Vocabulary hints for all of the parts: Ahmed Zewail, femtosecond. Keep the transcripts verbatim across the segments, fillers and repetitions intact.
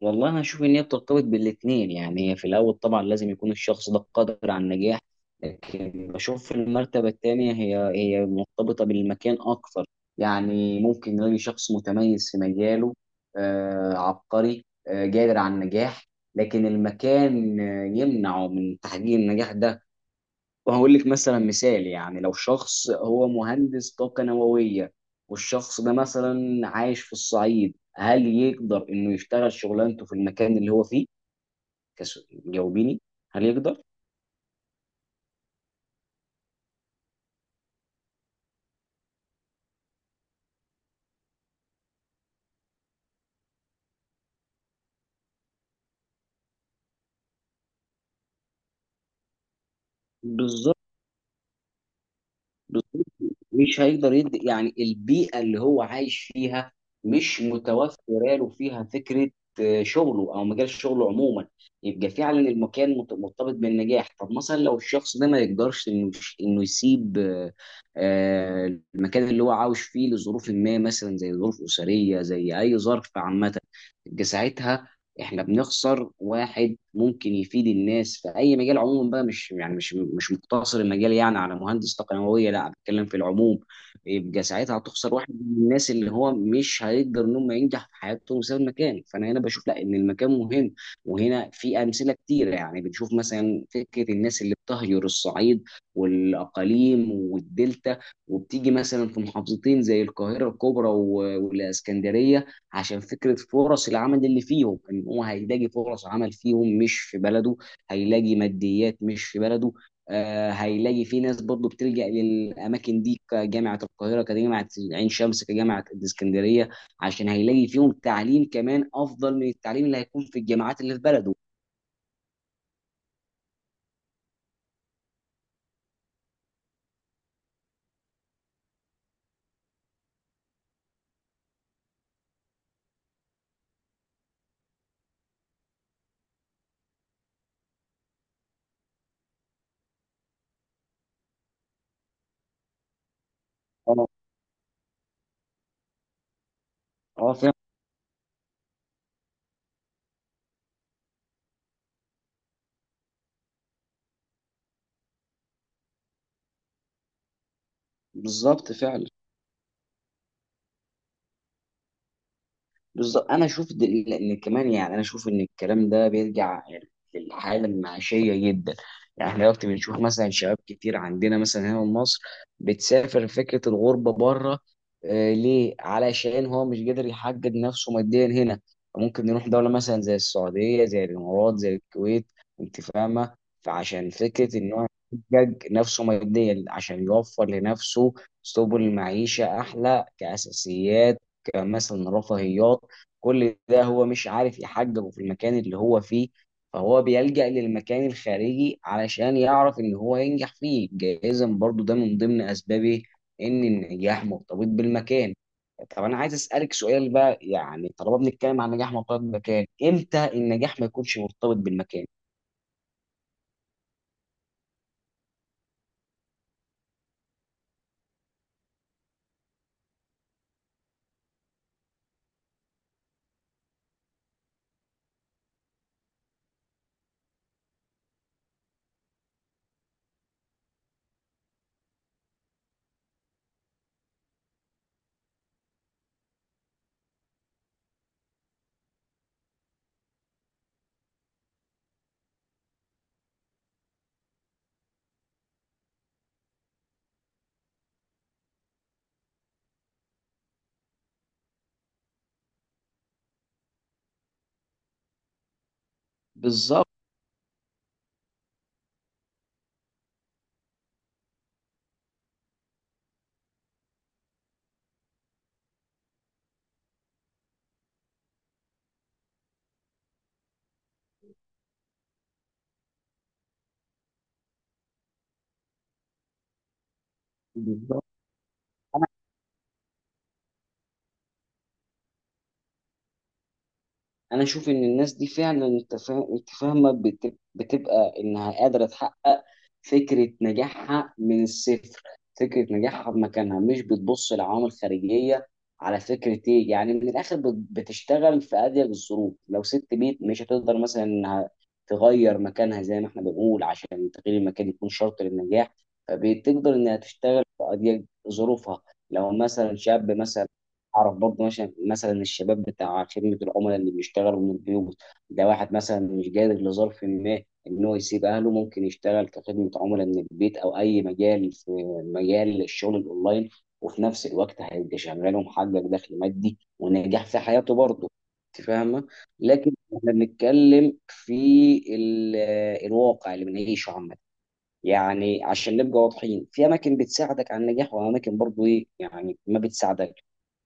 والله انا اشوف ان هي بترتبط بالاثنين. يعني هي في الاول طبعا لازم يكون الشخص ده قادر على النجاح، لكن بشوف في المرتبه الثانيه هي هي مرتبطه بالمكان اكثر. يعني ممكن نلاقي شخص متميز في مجاله، آه عبقري، آه قادر على النجاح، لكن المكان آه، يمنعه من تحقيق النجاح ده. وهقول لك مثلا مثال، يعني لو شخص هو مهندس طاقة نووية، والشخص ده مثلا عايش في الصعيد، هل يقدر انه يشتغل شغلانته في المكان اللي هو فيه؟ كس- جاوبيني، هل يقدر؟ بالظبط. بالظبط، مش هيقدر يدي، يعني البيئة اللي هو عايش فيها مش متوفرة له فيها فكرة آه، شغله أو مجال شغله عموما. يبقى فعلا المكان مت- مرتبط بالنجاح. طب مثلا لو الشخص ده ما يقدرش إنه إنه يسيب آه، آه، المكان اللي هو عاوش فيه لظروف ما، مثلا زي ظروف أسرية، زي أي ظرف عامة، يبقى ساعتها احنا بنخسر واحد ممكن يفيد الناس في اي مجال عموما، بقى مش يعني مش مش مقتصر المجال يعني على مهندس تقنيويه، لا بتكلم في العموم. يبقى ساعتها هتخسر واحد من الناس اللي هو مش هيقدر ان هم ينجح في حياته بسبب المكان، فانا هنا بشوف لا ان المكان مهم. وهنا في امثله كتيره، يعني بنشوف مثلا فكره الناس اللي بتهجر الصعيد والاقاليم والدلتا، وبتيجي مثلا في محافظتين زي القاهره الكبرى و- والاسكندريه، عشان فكرة فرص العمل اللي فيهم، ان هو هيلاقي فرص عمل فيهم مش في بلده، هيلاقي ماديات مش في بلده. آه هيلاقي في ناس برضه بتلجأ للأماكن دي، كجامعة القاهرة، كجامعة عين شمس، كجامعة الإسكندرية، عشان هيلاقي فيهم تعليم كمان أفضل من التعليم اللي هيكون في الجامعات اللي في بلده. اه آه، فعلا. بالظبط فعلا. بالظبط انا اشوف د- ان كمان، يعني انا اشوف ان الكلام ده بيرجع يعني للحاله المعيشيه جدا. يعني احنا دلوقتي بنشوف مثلا شباب كتير عندنا مثلا هنا في مصر بتسافر فكره الغربه بره. آه ليه؟ علشان هو مش قادر يحقق نفسه ماديا هنا. ممكن نروح دوله مثلا زي السعوديه، زي الامارات، زي الكويت، انت فاهمه، فعشان فكره ان هو يحقق نفسه ماديا عشان يوفر لنفسه سبل معيشه احلى، كاساسيات، كمثلا رفاهيات، كل ده هو مش عارف يحججه في المكان اللي هو فيه، فهو بيلجأ للمكان الخارجي علشان يعرف ان هو ينجح فيه. جايزا برضو ده من ضمن اسبابه، ان النجاح مرتبط بالمكان. طب انا عايز اسالك سؤال بقى، يعني طالما بنتكلم عن نجاح مرتبط بالمكان، امتى النجاح ما يكونش مرتبط بالمكان؟ بالظبط. بالظبط انا اشوف ان الناس دي فعلا، انت فا- أنت فاهمه، بت- بتبقى انها قادره تحقق فكره نجاحها من الصفر، فكره نجاحها بمكانها، مش بتبص لعوامل خارجيه. على فكره ايه يعني من الاخر، بت- بتشتغل في اضيق الظروف. لو ست بيت مش هتقدر مثلا انها تغير مكانها، زي ما احنا بنقول عشان تغيير المكان يكون شرط للنجاح، فبتقدر انها تشتغل في اضيق ظروفها. لو مثلا شاب مثلا اعرف برضه مثلا مثلا الشباب بتاع خدمه العملاء اللي بيشتغلوا من البيوت، ده واحد مثلا مش قادر لظرف ما ان هو يسيب اهله، ممكن يشتغل كخدمه عملاء من البيت او اي مجال في مجال الشغل الاونلاين، وفي نفس الوقت هيبقى شغال ومحقق دخل مادي ونجاح في حياته برضه. انت فاهمه. لكن احنا بنتكلم في ال- الواقع اللي بنعيشه عامه، يعني عشان نبقى واضحين، في اماكن بتساعدك على النجاح، واماكن برضو ايه يعني ما بتساعدك.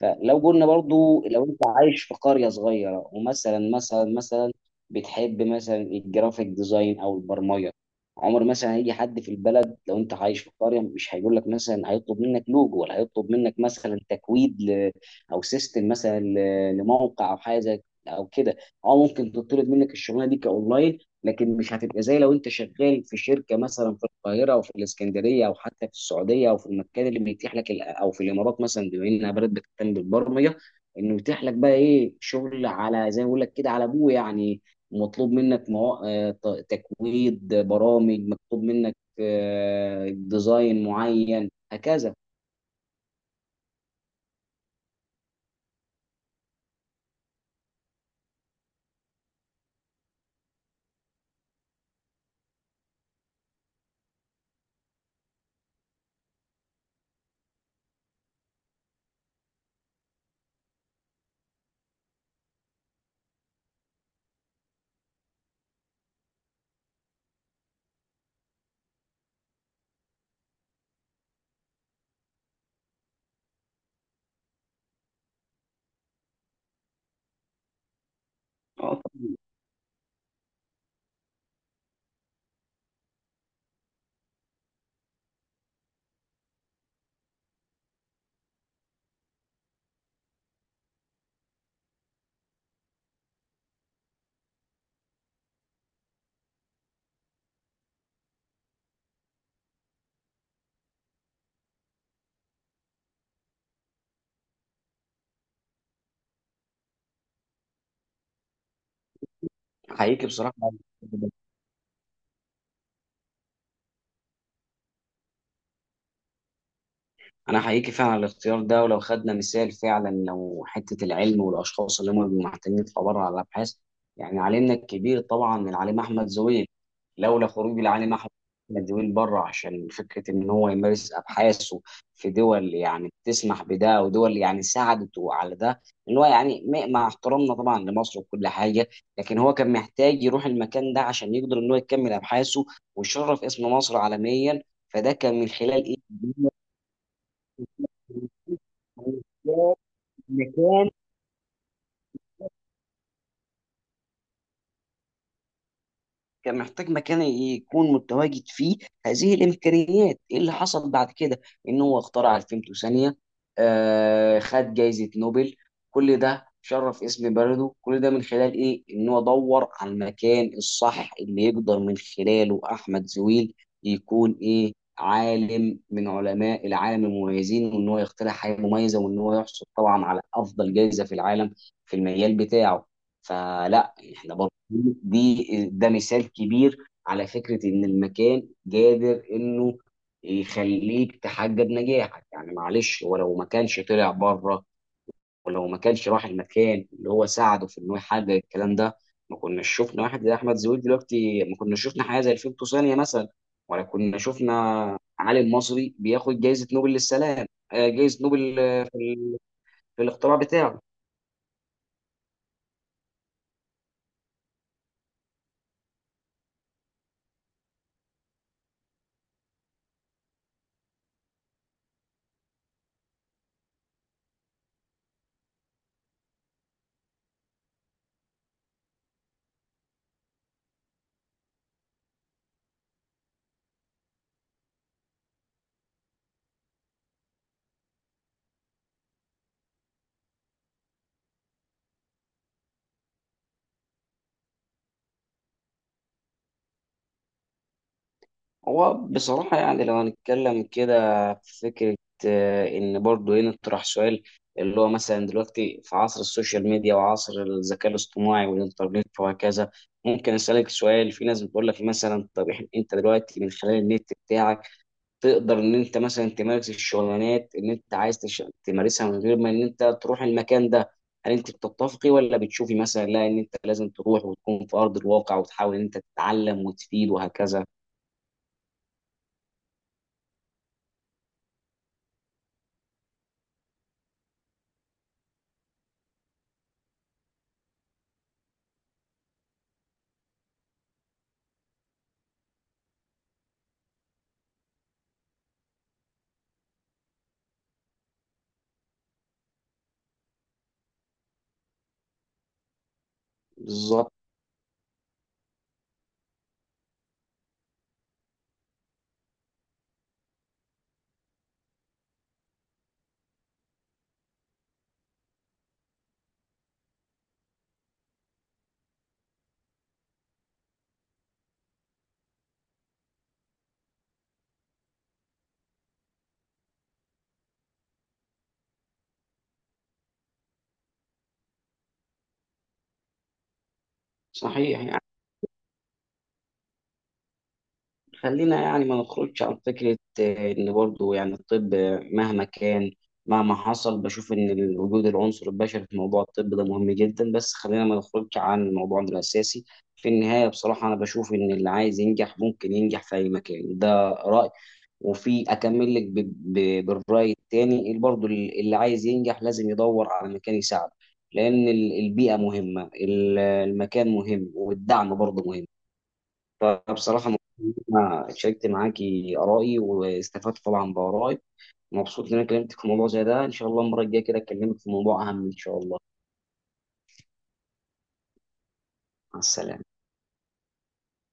فلو قلنا برضو لو انت عايش في قرية صغيرة، ومثلا مثلا مثلا بتحب مثلا الجرافيك ديزاين او البرمجة، عمر مثلا هيجي حد في البلد، لو انت عايش في قرية مش هيقول لك مثلا، هيطلب منك لوجو، ولا هيطلب منك مثلا تكويد ل... او سيستم مثلا ل... لموقع او حاجة زي- او كده، او ممكن تطلب منك الشغلانة دي كاونلاين. لكن مش هتبقى زي لو انت شغال في شركه مثلا في القاهره او في الاسكندريه او حتى في السعوديه، او في المكان اللي بيتيح لك ال- او في الامارات مثلا، بما انها بلد بتهتم بالبرمجه، انه يتيح لك بقى ايه شغل، على زي ما بقول لك كده على ابوه يعني، مطلوب منك مو... آه، ت- تكويد برامج، مطلوب منك آه، ديزاين معين هكذا. اه طبعاً. حقيقي بصراحه. انا حقيقي فعلا على الاختيار ده. ولو خدنا مثال فعلا، لو حته العلم والاشخاص اللي هم بيبقوا محتاجين في عباره على الابحاث، يعني علمنا الكبير طبعا العليم احمد زويل، لولا خروج العليم احمد زويل بره عشان فكره ان هو يمارس ابحاثه في دول يعني بتسمح بده، ودول يعني ساعدته على ده، ان هو يعني م- مع احترامنا طبعا لمصر وكل حاجه، لكن هو كان محتاج يروح المكان ده عشان يقدر ان هو يكمل ابحاثه ويشرف اسم مصر عالميا. فده كان من خلال المكان، كان محتاج مكان يكون متواجد فيه هذه الامكانيات. ايه اللي حصل بعد كده؟ ان هو اخترع الفيمتوثانيه، آه خد جائزه نوبل. كل ده شرف اسم بلده، كل ده من خلال ايه؟ ان هو دور على المكان الصح اللي يقدر من خلاله احمد زويل يكون ايه عالم من علماء العالم المميزين، وان هو يخترع حاجه مميزه، وان هو يحصل طبعا على افضل جائزه في العالم في المجال بتاعه. فلا احنا برضه دي ده مثال كبير على فكرة إن المكان قادر إنه يخليك تحقق نجاحك. يعني معلش، ولو ما كانش طلع بره، ولو ما كانش راح المكان اللي هو ساعده في إنه يحقق الكلام ده، ما كناش شفنا واحد زي أحمد زويل دلوقتي، ما كناش شفنا حاجة زي الفيلتو ثانية مثلا، ولا كنا شفنا عالم مصري بياخد جائزة نوبل للسلام، آه، جائزة نوبل آه، في ال- في الاختراع بتاعه. هو بصراحة يعني لو هنتكلم كده في فكرة، آه، إن برضه هنا اطرح سؤال، اللي هو مثلا دلوقتي في عصر السوشيال ميديا وعصر الذكاء الاصطناعي والإنترنت وهكذا، ممكن أسألك سؤال. في ناس بتقول لك مثلا طب إحنا- أنت دلوقتي من خلال النت بتاعك تقدر إن أنت مثلا تمارس الشغلانات اللي أنت عايز تش- تمارسها من غير ما إن أنت تروح المكان ده. هل أنت بتتفقي، ولا بتشوفي مثلا لا إن أنت لازم تروح وتكون في أرض الواقع وتحاول إن أنت تتعلم وتفيد وهكذا؟ بالظبط. صحيح يعني. خلينا يعني ما نخرجش عن فكرة آه، إن برضو يعني الطب، آه، مهما كان، مهما حصل، بشوف إن ال- وجود العنصر البشري في موضوع الطب ده مهم جدا، بس خلينا ما نخرجش عن موضوعنا الأساسي. في النهاية بصراحة أنا بشوف إن اللي عايز ينجح ممكن ينجح في أي مكان، ده رأي. وفي أكمل لك ب- ب- بالرأي التاني، برضو ال- اللي عايز ينجح لازم يدور على مكان يساعده، لأن ال- البيئة مهمة، ال- المكان مهم، والدعم برضو مهم. أنا بصراحة مبسوط إن أنا شاركت معاكي آرائي واستفدت طبعا بآرائي. مبسوط إن أنا كلمتك في موضوع زي ده، إن شاء الله المرة الجاية كده أكلمك في موضوع أهم إن شاء الله. مع السلامة.